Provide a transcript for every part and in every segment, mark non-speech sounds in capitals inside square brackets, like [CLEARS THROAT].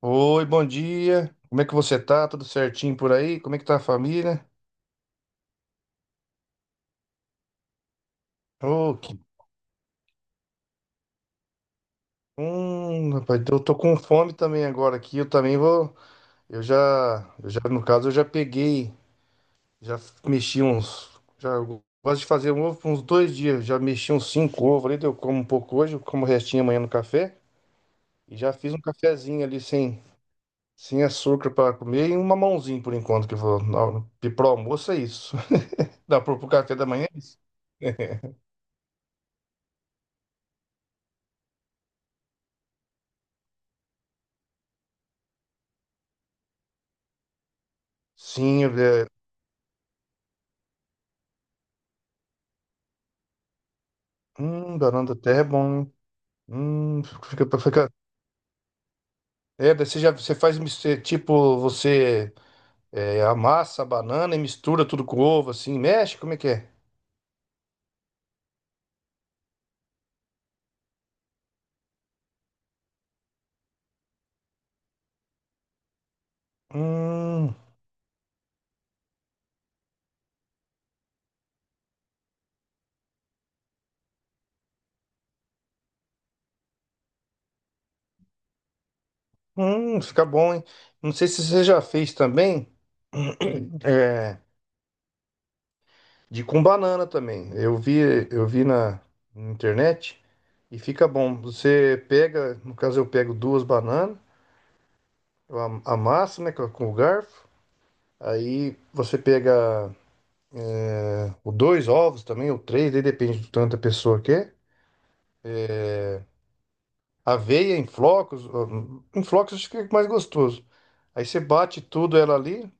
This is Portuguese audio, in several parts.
Oi, bom dia. Como é que você tá? Tudo certinho por aí? Como é que tá a família? Ô, que... Rapaz, eu tô com fome também agora aqui. Eu também vou. Eu já, eu já, no caso, eu já peguei, já mexi uns. Já eu gosto de fazer um ovo por uns 2 dias. Já mexi uns cinco ovos ali. Eu como um pouco hoje, eu como o restinho amanhã no café. E já fiz um cafezinho ali sem açúcar para comer e um mamãozinho por enquanto que eu vou. Pro almoço é isso. [LAUGHS] Dá pro café da manhã? Sim. Banana da terra é bom, hein? Hum, Fica, fica... É, daí você faz tipo, amassa a banana e mistura tudo com ovo, assim, mexe, como é que é? Hum, fica bom, hein? Não sei se você já fez também, [CLEARS THROAT] é, de com banana também. Eu vi na internet e fica bom. Você pega, no caso eu pego duas bananas, eu amasso, né, com o garfo. Aí você pega O dois ovos também, ou três, aí depende do tanto da pessoa que é. Aveia em flocos acho que fica mais gostoso. Aí você bate tudo ela ali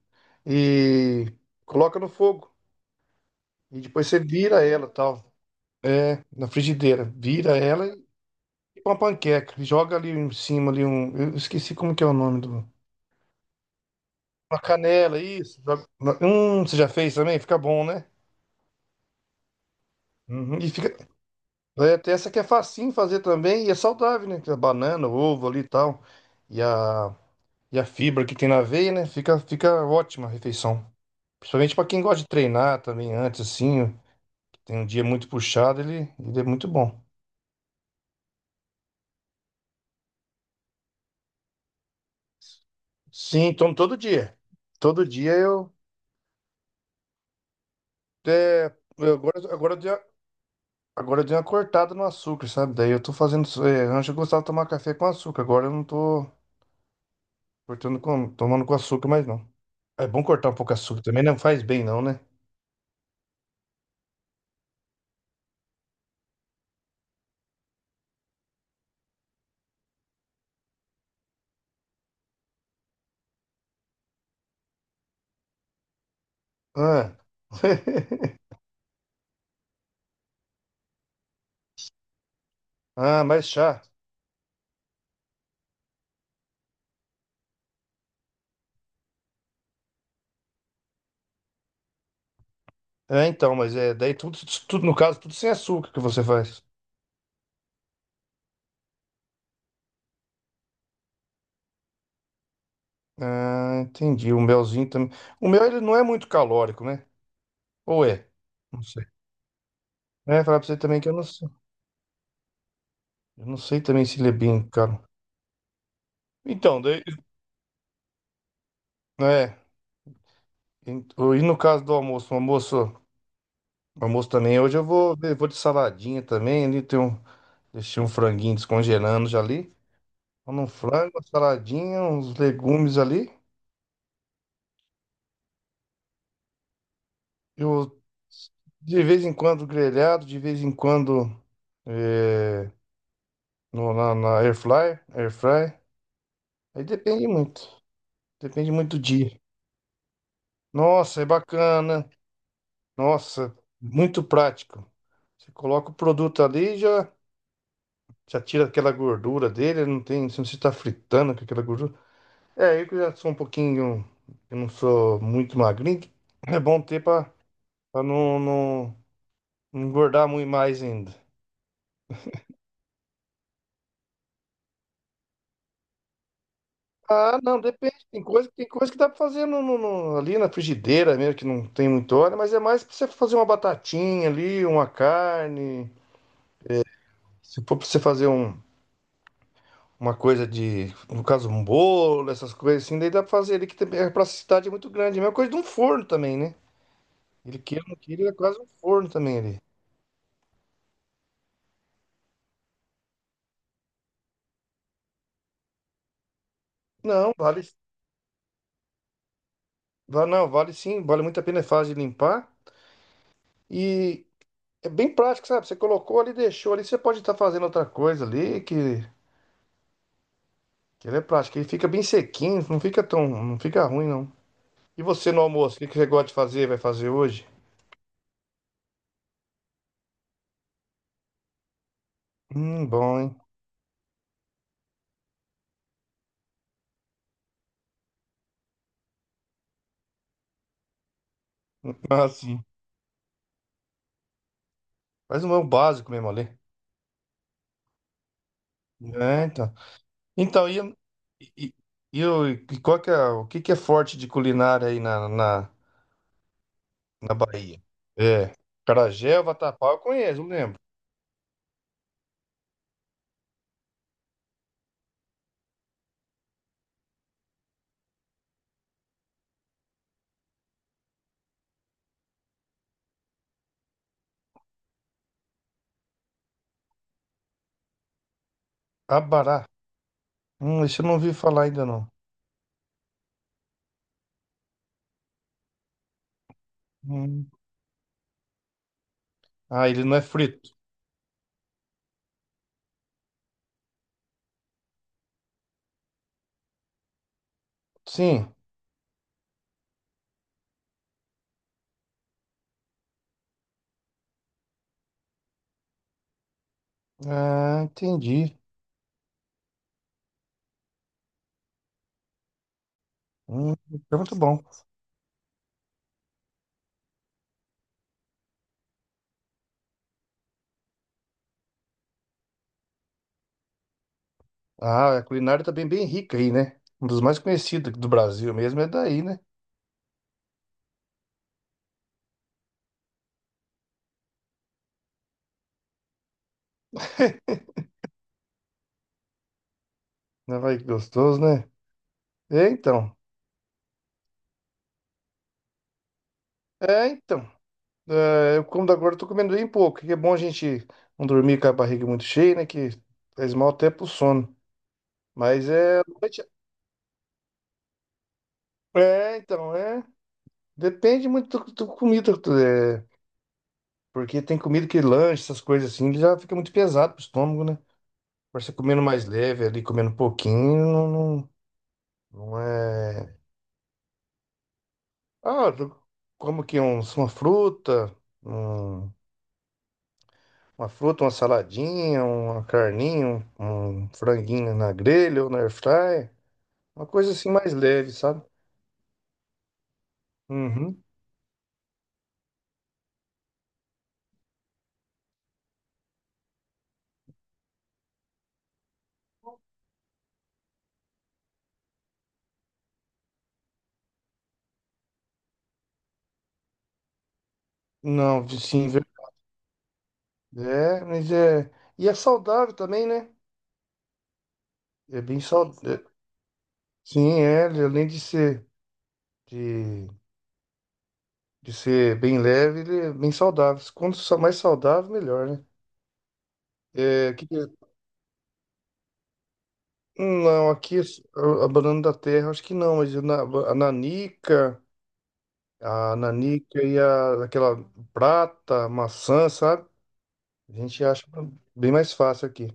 e coloca no fogo. E depois você vira ela, tal, na frigideira. Vira ela e fica uma panqueca. E joga ali em cima ali um, eu esqueci como que é o nome do. Uma canela, isso. Você já fez também? Fica bom, né? Uhum. E fica, tem essa que é facinho fazer também e é saudável, né? Que é banana, ovo ali e tal. E a fibra que tem na veia, né? Fica, fica ótima a refeição. Principalmente para quem gosta de treinar também antes, assim, tem um dia muito puxado, ele é muito bom. Sim, então todo dia. Todo dia eu, é, eu agora agora eu dei uma cortada no açúcar, sabe? Daí eu tô fazendo. É, antes eu gostava de tomar café com açúcar, agora eu não tô tomando com açúcar mais não. É bom cortar um pouco açúcar também, não faz bem não, né? Ah, [LAUGHS] ah mais chá. É, então, mas daí tudo, tudo, no caso, tudo sem açúcar que você faz. Ah, entendi. O melzinho também. O mel, ele não é muito calórico, né? Ou é? Não sei. É, falar pra você também que eu não sei. Eu não sei também se ele é bem caro. Então, daí, é. E no caso do almoço, o almoço também, hoje eu vou de saladinha também, ali tem um, deixei um franguinho descongelando já ali. Então, um frango, uma saladinha, uns legumes ali. Eu, de vez em quando, grelhado, de vez em quando, é, no, na, na air fryer, air fry. Aí depende muito. Depende muito do dia. Nossa, é bacana. Nossa, muito prático. Você coloca o produto ali e já tira aquela gordura dele. Não tem, se você não está fritando com aquela gordura. É, eu que já sou um pouquinho. Eu não sou muito magrinho. É bom ter para não, não não engordar muito mais ainda. Ah, não, depende. Tem coisa que dá pra fazer ali na frigideira mesmo, que não tem muito óleo, mas é mais pra você fazer uma batatinha ali, uma carne. Se for pra você fazer uma coisa de, no caso, um bolo, essas coisas assim, daí dá pra fazer ali, que também é pra cidade é muito grande. É a mesma coisa de um forno também, né? Ele queira ou não queira, ele é quase um forno também ali. Não, vale, vale, não, vale sim, vale muito a pena, é fácil de limpar. E é bem prático, sabe? Você colocou ali, deixou ali, você pode estar fazendo outra coisa ali, que. Que ele é prático, ele fica bem sequinho, não fica tão, não fica ruim não. E você no almoço, o que que você gosta de fazer, vai fazer hoje? Bom, hein? Ah, sim. Mas não é o básico mesmo, ali. É, então. Então, e, e qual que é, o que que é forte de culinária aí na Bahia? É, acarajé, vatapá, eu conheço, eu lembro. Abará. Esse eu não ouvi falar ainda não. Hum. Ah, ele não é frito. Sim. Ah, entendi. Hum, é muito bom. Ah, a culinária também é bem rica aí, né? Um dos mais conhecidos do Brasil mesmo é daí, né? Não vai que gostoso, né? É, então. É, então. É, eu como da agora, tô comendo bem pouco. Que é bom a gente não dormir com a barriga muito cheia, né? Que faz mal até pro sono. Mas é. É, então. Depende muito do comida. Tu É, porque tem comida que lanche, essas coisas assim, ele já fica muito pesado pro estômago, né? Agora você comendo mais leve ali, comendo um pouquinho, não é. Ah, eu como que uma fruta, um- uma fruta, uma saladinha, uma carninha, um franguinho na grelha ou na air fryer, uma coisa assim mais leve, sabe? Uhum. Não, sim, mas e é saudável também, né? É bem saudável. Sim, ele, além de ser de, de ser bem leve, ele é bem saudável. Quanto mais saudável, melhor, né? É, que Não, aqui a banana da terra, acho que não, mas a nanica, e aquela prata, maçã, sabe? A gente acha bem mais fácil aqui.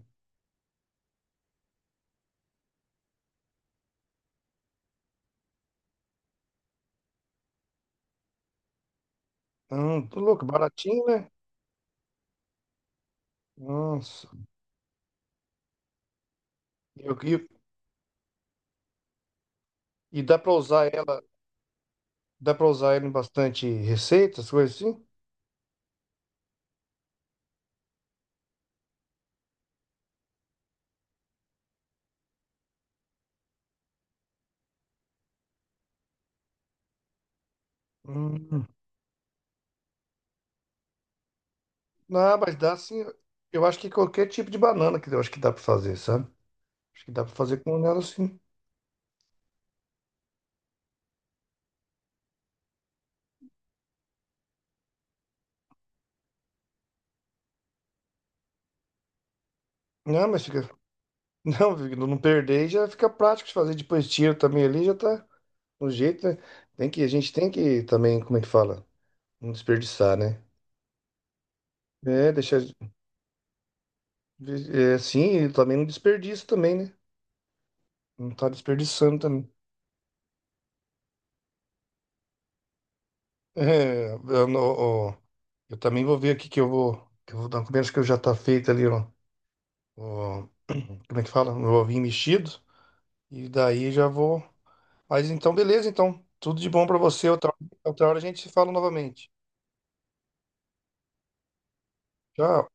Tô louco, baratinho, né? Nossa. E, eu- e- e dá pra usar ela em bastante receitas, coisas assim? Hum. Não, mas dá sim. Eu acho que qualquer tipo de banana que eu acho que dá pra fazer, sabe? Acho que dá pra fazer com ela sim. Não, mas fica. Não, não perder já fica prático de fazer depois tiro também ali, já tá no jeito, né? A gente tem que também, como é que fala? Não desperdiçar, né? É, deixar. É, assim, e também não desperdiça também, né? Não tá desperdiçando também. É, eu, ó, eu também vou ver aqui que eu vou. Que eu vou dar um comida, acho que já tá feito ali, ó. Ó, como é que fala? Meu ovinho mexido. E daí já vou. Mas então, beleza, então. Tudo de bom pra você. Outra, outra hora a gente se fala novamente. Tchau.